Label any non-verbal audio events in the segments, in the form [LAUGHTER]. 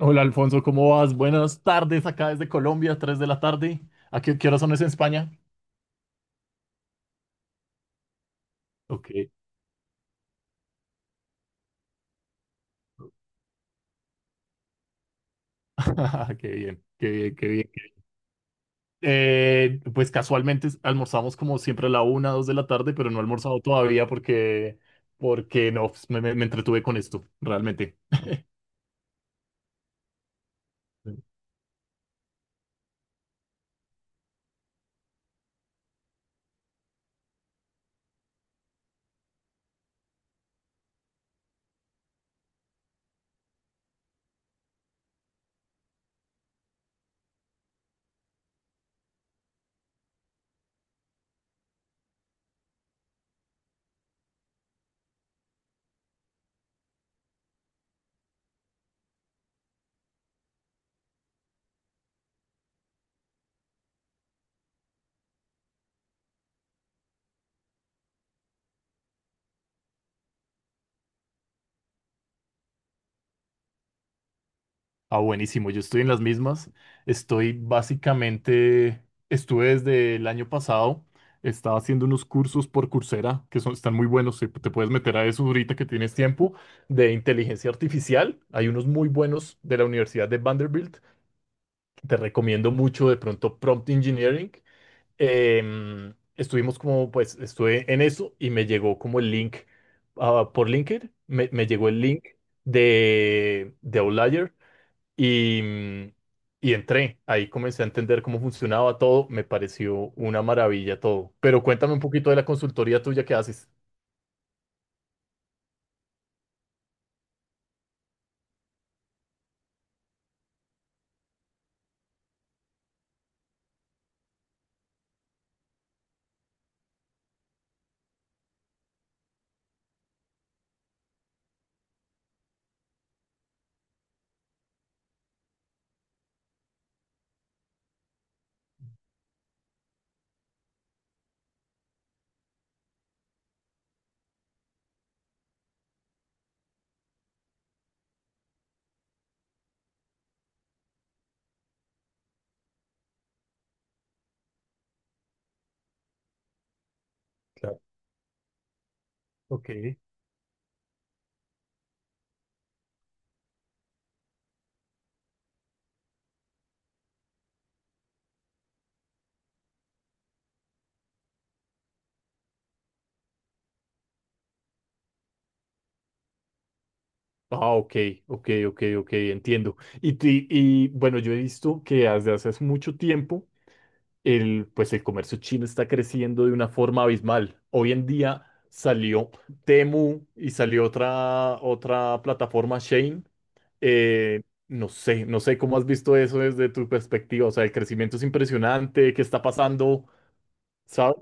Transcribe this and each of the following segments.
Hola Alfonso, ¿cómo vas? Buenas tardes acá desde Colombia, 3 de la tarde. ¿A qué hora son eso en España? Ok. [LAUGHS] Qué bien, qué bien, qué bien. Pues casualmente almorzamos como siempre a la una, 2 de la tarde, pero no he almorzado todavía porque no, pues, me entretuve con esto, realmente. Ah, buenísimo, yo estoy en las mismas. Estoy básicamente, estuve desde el año pasado, estaba haciendo unos cursos por Coursera que son, están muy buenos, te puedes meter a eso ahorita que tienes tiempo, de inteligencia artificial. Hay unos muy buenos de la Universidad de Vanderbilt, que te recomiendo mucho, de pronto Prompt Engineering. Estuvimos como, pues, estuve en eso y me llegó como el link, ah, por LinkedIn, me llegó el link de Outlier. Y, mm, y entré, ahí comencé a entender cómo funcionaba todo, me pareció una maravilla todo. Pero cuéntame un poquito de la consultoría tuya que haces. Claro. Ok. Ah, ok, ok, ok, ok, entiendo. Y bueno, yo he visto que desde hace mucho tiempo el, pues el comercio chino está creciendo de una forma abismal. Hoy en día salió Temu y salió otra plataforma, Shein. Eh, no sé, no sé cómo has visto eso desde tu perspectiva. O sea, el crecimiento es impresionante. ¿Qué está pasando? ¿Sabes?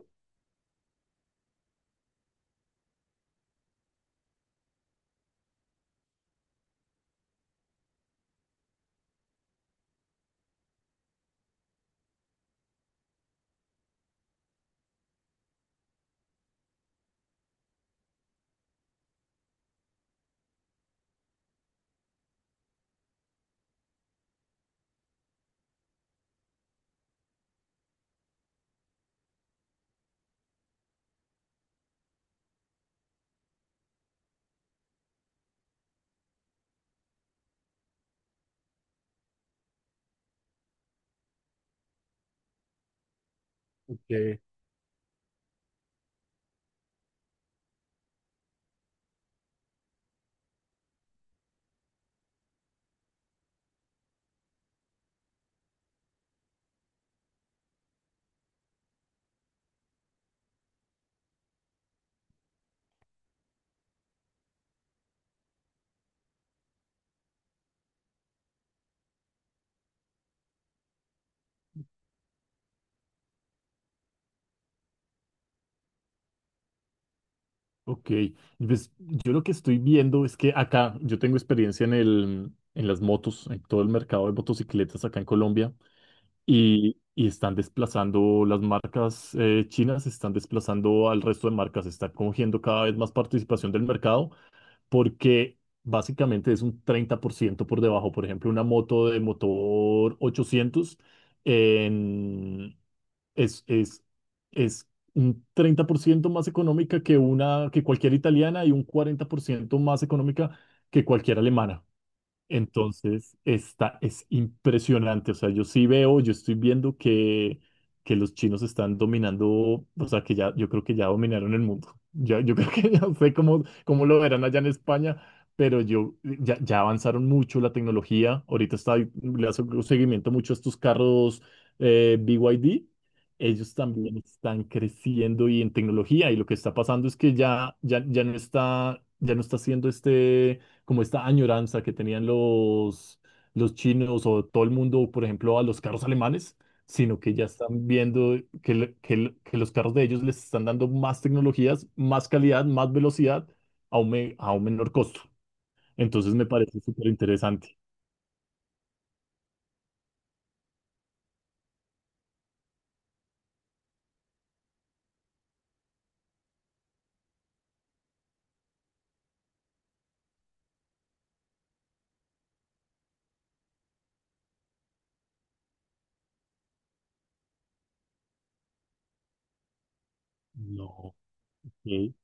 Porque- Ok, pues yo lo que estoy viendo es que acá yo tengo experiencia en las motos, en todo el mercado de motocicletas acá en Colombia. Y están desplazando las marcas chinas, están desplazando al resto de marcas, están cogiendo cada vez más participación del mercado porque básicamente es un 30% por debajo. Por ejemplo, una moto de motor 800 en- es, es, es un 30% más económica que cualquier italiana y un 40% más económica que cualquier alemana. Entonces, esta es impresionante. O sea, yo sí veo, yo estoy viendo que los chinos están dominando, o sea, que ya, yo creo que ya dominaron el mundo. [LAUGHS] Ya, yo creo que [LAUGHS] ya no sé cómo lo verán allá en España, pero yo, ya, ya avanzaron mucho la tecnología. Ahorita está, le hace un seguimiento mucho a estos carros BYD. Ellos también están creciendo y en tecnología, y lo que está pasando es que ya, ya, ya no está haciendo este como esta añoranza que tenían los chinos o todo el mundo, por ejemplo, a los carros alemanes, sino que ya están viendo que los carros de ellos les están dando más tecnologías, más calidad, más velocidad a un menor costo. Entonces me parece súper interesante. No, ok,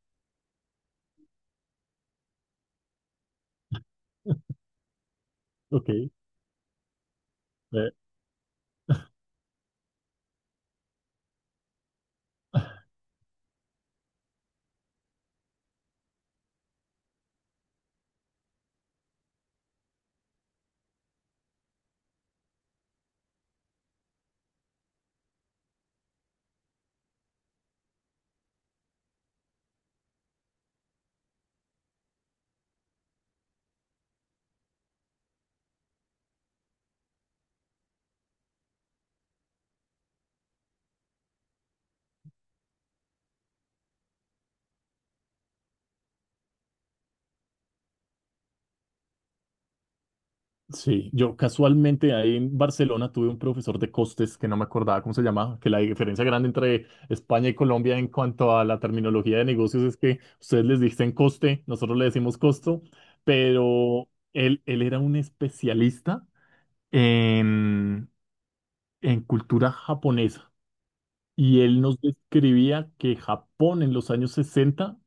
ok. Eh, Sí, yo casualmente ahí en Barcelona tuve un profesor de costes que no me acordaba cómo se llamaba, que la diferencia grande entre España y Colombia en cuanto a la terminología de negocios es que ustedes les dicen coste, nosotros le decimos costo, pero él era un especialista en, en cultura japonesa. Y él nos describía que Japón en los años 60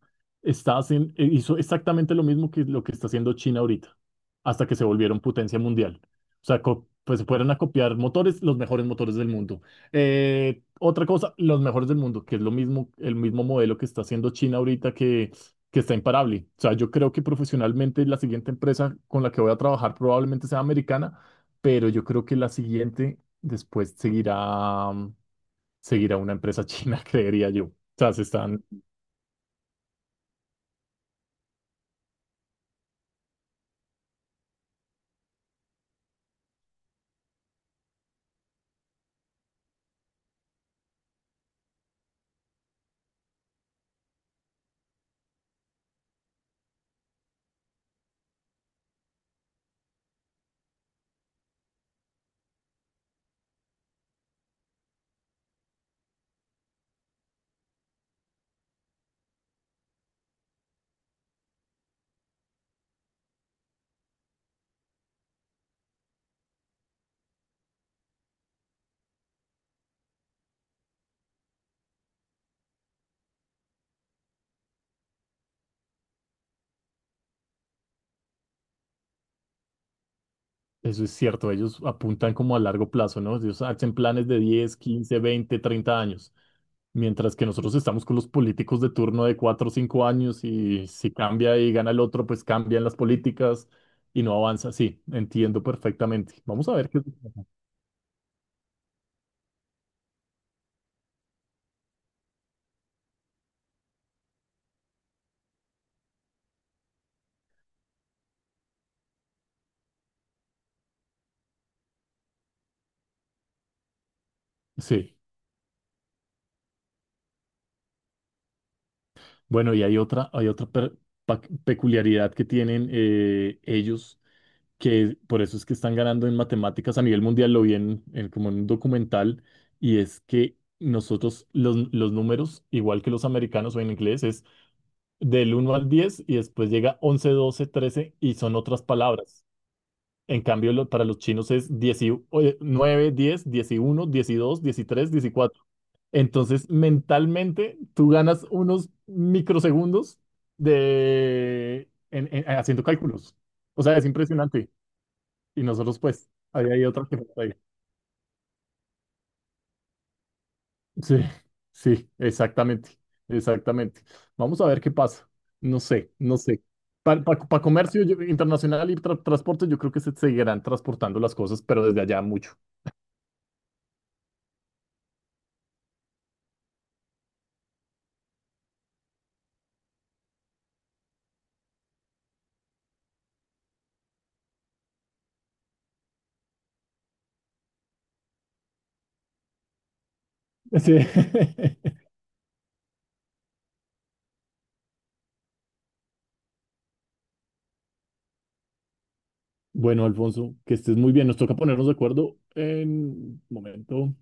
hizo exactamente lo mismo que lo que está haciendo China ahorita, hasta que se volvieron potencia mundial. O sea, pues se fueron a copiar motores, los mejores motores del mundo. Otra cosa, los mejores del mundo, que es lo mismo, el mismo modelo que está haciendo China ahorita que está imparable. O sea, yo creo que profesionalmente la siguiente empresa con la que voy a trabajar probablemente sea americana, pero yo creo que la siguiente después seguir a una empresa china, [LAUGHS] creería yo. O sea, eso es cierto, ellos apuntan como a largo plazo, ¿no? Ellos hacen planes de 10, 15, 20, 30 años, mientras que nosotros estamos con los políticos de turno de cuatro o 5 años y si cambia y gana el otro, pues cambian las políticas y no avanza. Sí, entiendo perfectamente. Vamos a ver qué... Sí. Bueno, y hay hay otra peculiaridad que tienen ellos que por eso es que están ganando en matemáticas a nivel mundial, lo vi en, como en un documental, y es que nosotros los números, igual que los americanos o en inglés, es del uno al diez y después llega 11, 12, 13 y son otras palabras. En cambio, lo- para los chinos es 10 y, oye, 9, 10, 11, 12, 13, 14. Entonces, mentalmente, tú ganas unos microsegundos haciendo cálculos. O sea, es impresionante. Y nosotros, pues, ahí hay otra que falta ahí. Sí, sí, exactamente, exactamente. Vamos a ver qué pasa. No sé, no sé. Para comercio internacional y transporte, yo creo que se seguirán transportando las cosas, pero desde allá mucho. Sí. [LAUGHS] Bueno, Alfonso, que estés muy bien. Nos toca ponernos de acuerdo en un momento.